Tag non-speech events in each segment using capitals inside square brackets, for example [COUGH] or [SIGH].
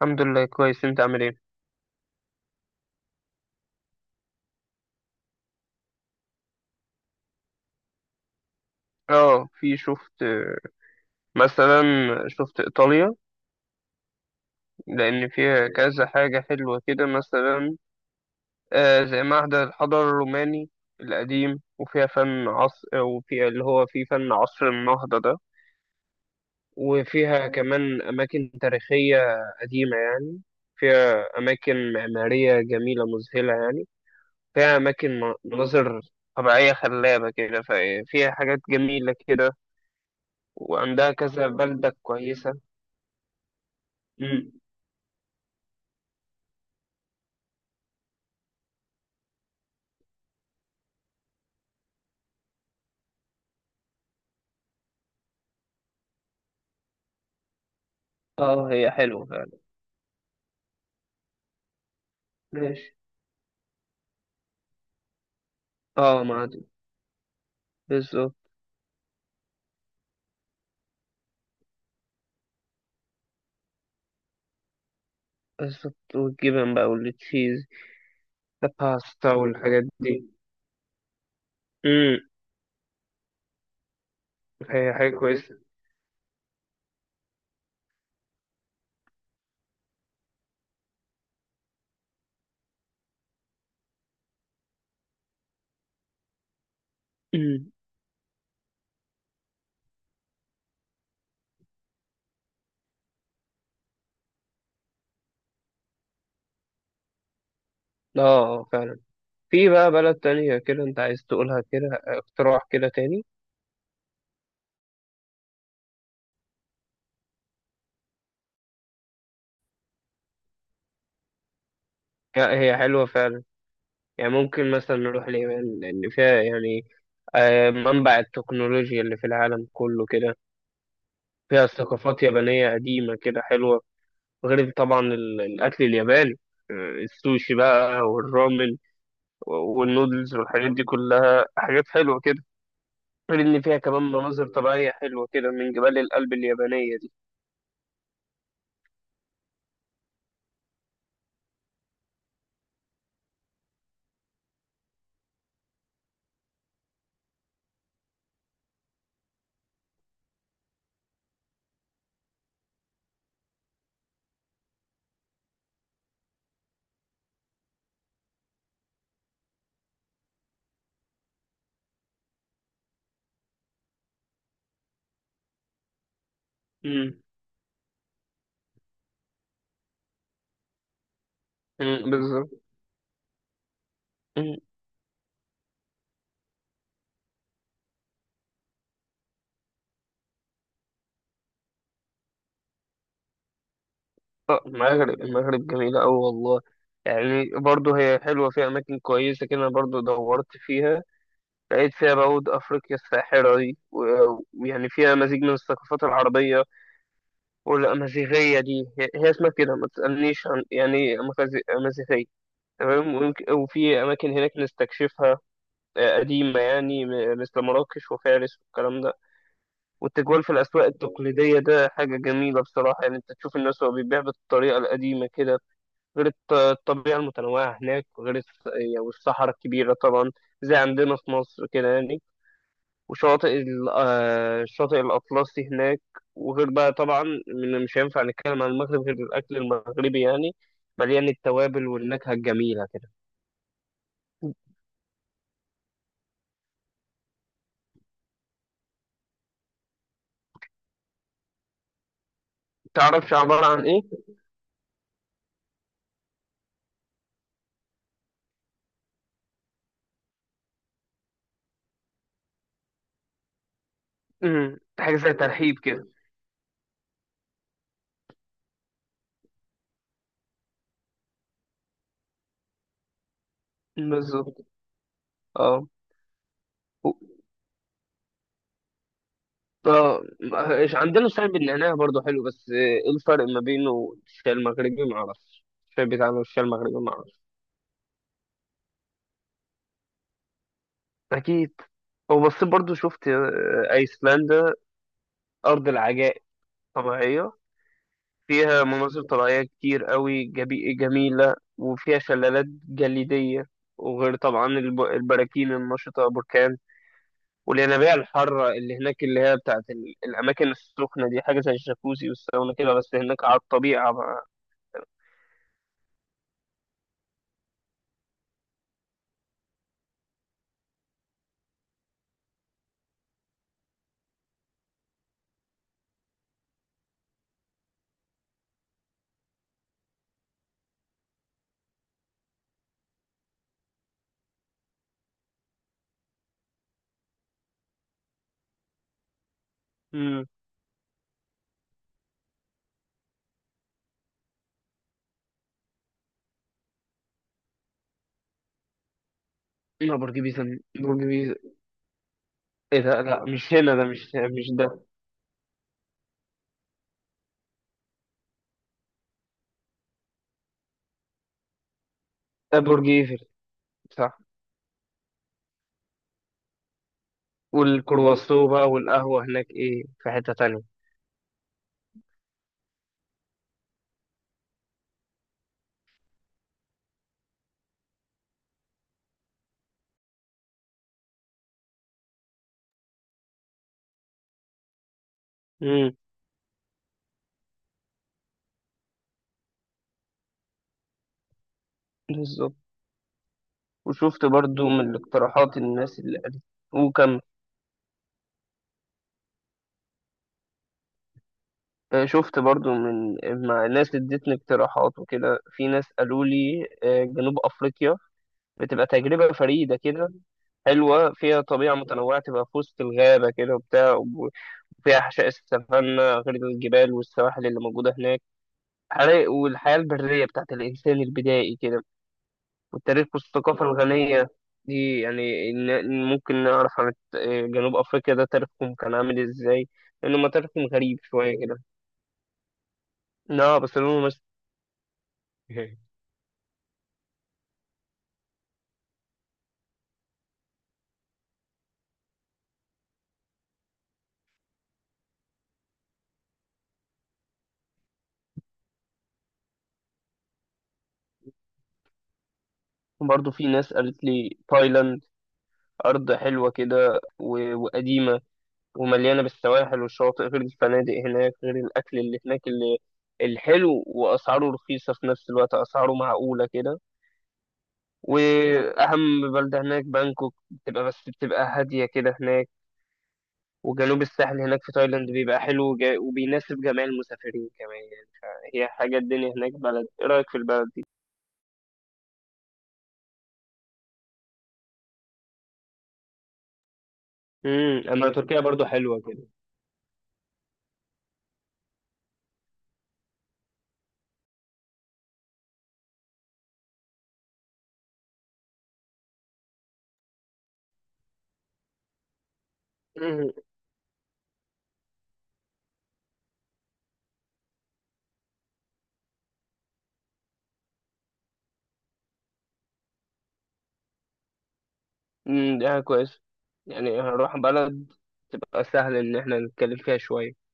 الحمد لله كويس، انت عامل ايه؟ اه في شفت مثلا شفت ايطاليا لان فيها كذا حاجه حلوه كده. مثلا آه زي معهد الحضاره الروماني القديم، وفيها فن عصر، وفيها اللي هو فيه فن عصر النهضه ده. وفيها كمان اماكن تاريخيه قديمه يعني، فيها اماكن معماريه جميله مذهله يعني، فيها اماكن مناظر طبيعيه خلابه كده. ففيها حاجات جميله كده وعندها كذا بلدة كويسة. مم. اه هي حلوة فعلا. ماشي. اه معدن، بالظبط. بالظبط، والجبن بقى والتشيز. الباستا والحاجات دي. مم. هي حاجة كويسة. مم. اه فعلا. في بقى بلد تانية كده انت عايز تقولها كده اقتراح كده تاني؟ لا، هي حلوة فعلا. يعني ممكن مثلا نروح اليابان، لأن فيها يعني منبع التكنولوجيا اللي في العالم كله كده. فيها ثقافات يابانية قديمة كده حلوة، غير طبعا الأكل الياباني. السوشي بقى والرامن والنودلز والحاجات دي كلها حاجات حلوة كده. غير إن فيها كمان مناظر طبيعية حلوة كده من جبال الألب اليابانية دي. مم. مم، بالظبط. مم. آه، المغرب. المغرب جميلة أوي والله. يعني برضه هي حلوة، فيها أماكن كويسة كده. أنا برضه دورت فيها، لقيت فيها بعود أفريقيا الساحرة دي ويعني فيها مزيج من الثقافات العربية والأمازيغية. دي هي هي اسمها كده، ما تسألنيش عن يعني إيه أمازيغية. تمام وفي أماكن هناك نستكشفها آه، قديمة يعني مثل مراكش وفارس والكلام ده. والتجوال في الأسواق التقليدية ده حاجة جميلة بصراحة يعني، أنت تشوف الناس وهو بيبيع بالطريقة القديمة كده. غير الطبيعة المتنوعة هناك، وغير يعني والصحراء الكبيرة طبعا زي عندنا في مصر كده يعني. وشاطئ الشاطئ الأطلسي هناك. وغير بقى طبعا، من مش هينفع نتكلم عن المغرب غير الأكل المغربي يعني، مليان التوابل والنكهة الجميلة كده. متعرفش عبارة عن إيه؟ أمم، حاجة زي ترحيب كده. بالظبط اه. و- اه عندنا شاي بالنعناع برضه حلو، بس آه، ايه الفرق ما بينه والشاي المغربي؟ معرفش. الشاي بتاعنا والشاي المغربي معرفش. أكيد. وبصيت برضه شفت آه، أيسلندا، أرض العجائب طبيعية فيها مناظر طبيعية كتير قوي جميلة، وفيها شلالات جليدية، وغير طبعا البراكين النشطة بركان، والينابيع الحارة اللي هناك اللي هي بتاعت الأماكن السخنة دي. حاجة زي الجاكوزي والساونا كده، بس هناك على الطبيعة بقى. امم. لا، برج بيزا، برج بيزا. ايه ده؟ لا مش هنا ده، مش ده. ده برج ايفل، صح. والكرواسو بقى والقهوة هناك، ايه في حتة تانية؟ امم، بالظبط. وشفت برضو من الاقتراحات الناس اللي قالت. وكمل. آه، شفت برضو من، مع ناس ادتني اقتراحات وكده. في ناس قالوا لي آه، جنوب افريقيا بتبقى تجربه فريده كده، حلوه فيها طبيعه متنوعه، تبقى في وسط الغابه كده وبتاع. وفيها حشائش السافانا، غير الجبال والسواحل اللي موجوده هناك، والحياه البريه بتاعت الانسان البدائي كده، والتاريخ والثقافه الغنيه دي. يعني ممكن نعرف عن جنوب افريقيا ده تاريخهم كان عامل ازاي، لانه ما تاريخهم غريب شويه كده. لا بس لونه مش [LAUGHS] وبرضه في ناس قالت لي تايلاند، أرض حلوة كده وقديمة، ومليانة بالسواحل والشواطئ، غير الفنادق هناك، غير الأكل اللي هناك اللي الحلو، وأسعاره رخيصة في نفس الوقت، أسعاره معقولة كده. وأهم بلدة هناك بانكوك، بتبقى بس بتبقى هادية كده هناك. وجنوب الساحل هناك في تايلاند بيبقى حلو وبيناسب جميع المسافرين كمان يعني. فهي حاجة، الدنيا هناك بلد، إيه رأيك في البلد؟ أما تركيا برضو حلوة كده. امم، دي حاجة كويسة، يعني هنروح بلد تبقى سهل إن احنا نتكلم فيها شوية.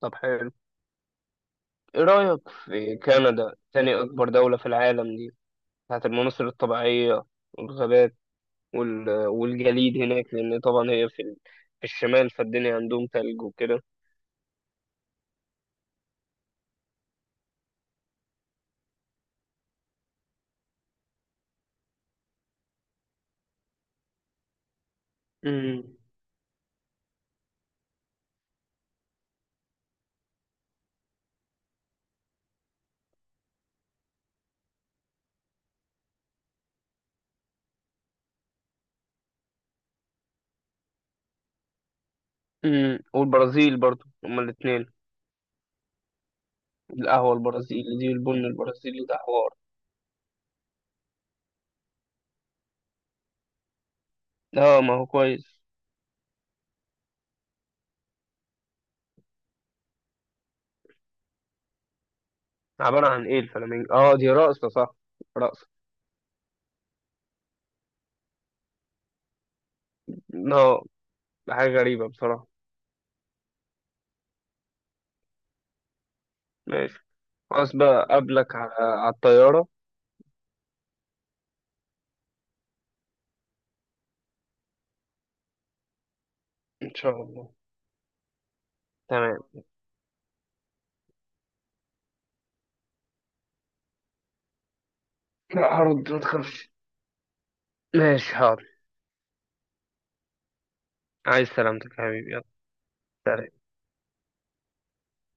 طب حلو. ايه رأيك في كندا، تاني أكبر دولة في العالم دي، بتاعت المناظر الطبيعية والغابات والجليد هناك؟ لأن طبعا هي في الشمال، فالدنيا عندهم تلج وكده. امم. امم، والبرازيل برضو، هما الاتنين. القهوة البرازيلي دي والبن البرازيلي ده حوار. اه ما هو كويس. عبارة عن ايه الفلامينجو؟ اه دي رقصة، صح، رقصة. اه، حاجة غريبة بصراحة. ماشي. خلاص بقى قبلك على على الطيارة. ان شاء الله. تمام. لا هرد، ما تخافش. ماشي، حاضر. عايز سلامتك يا حبيبي، يلا. سلام.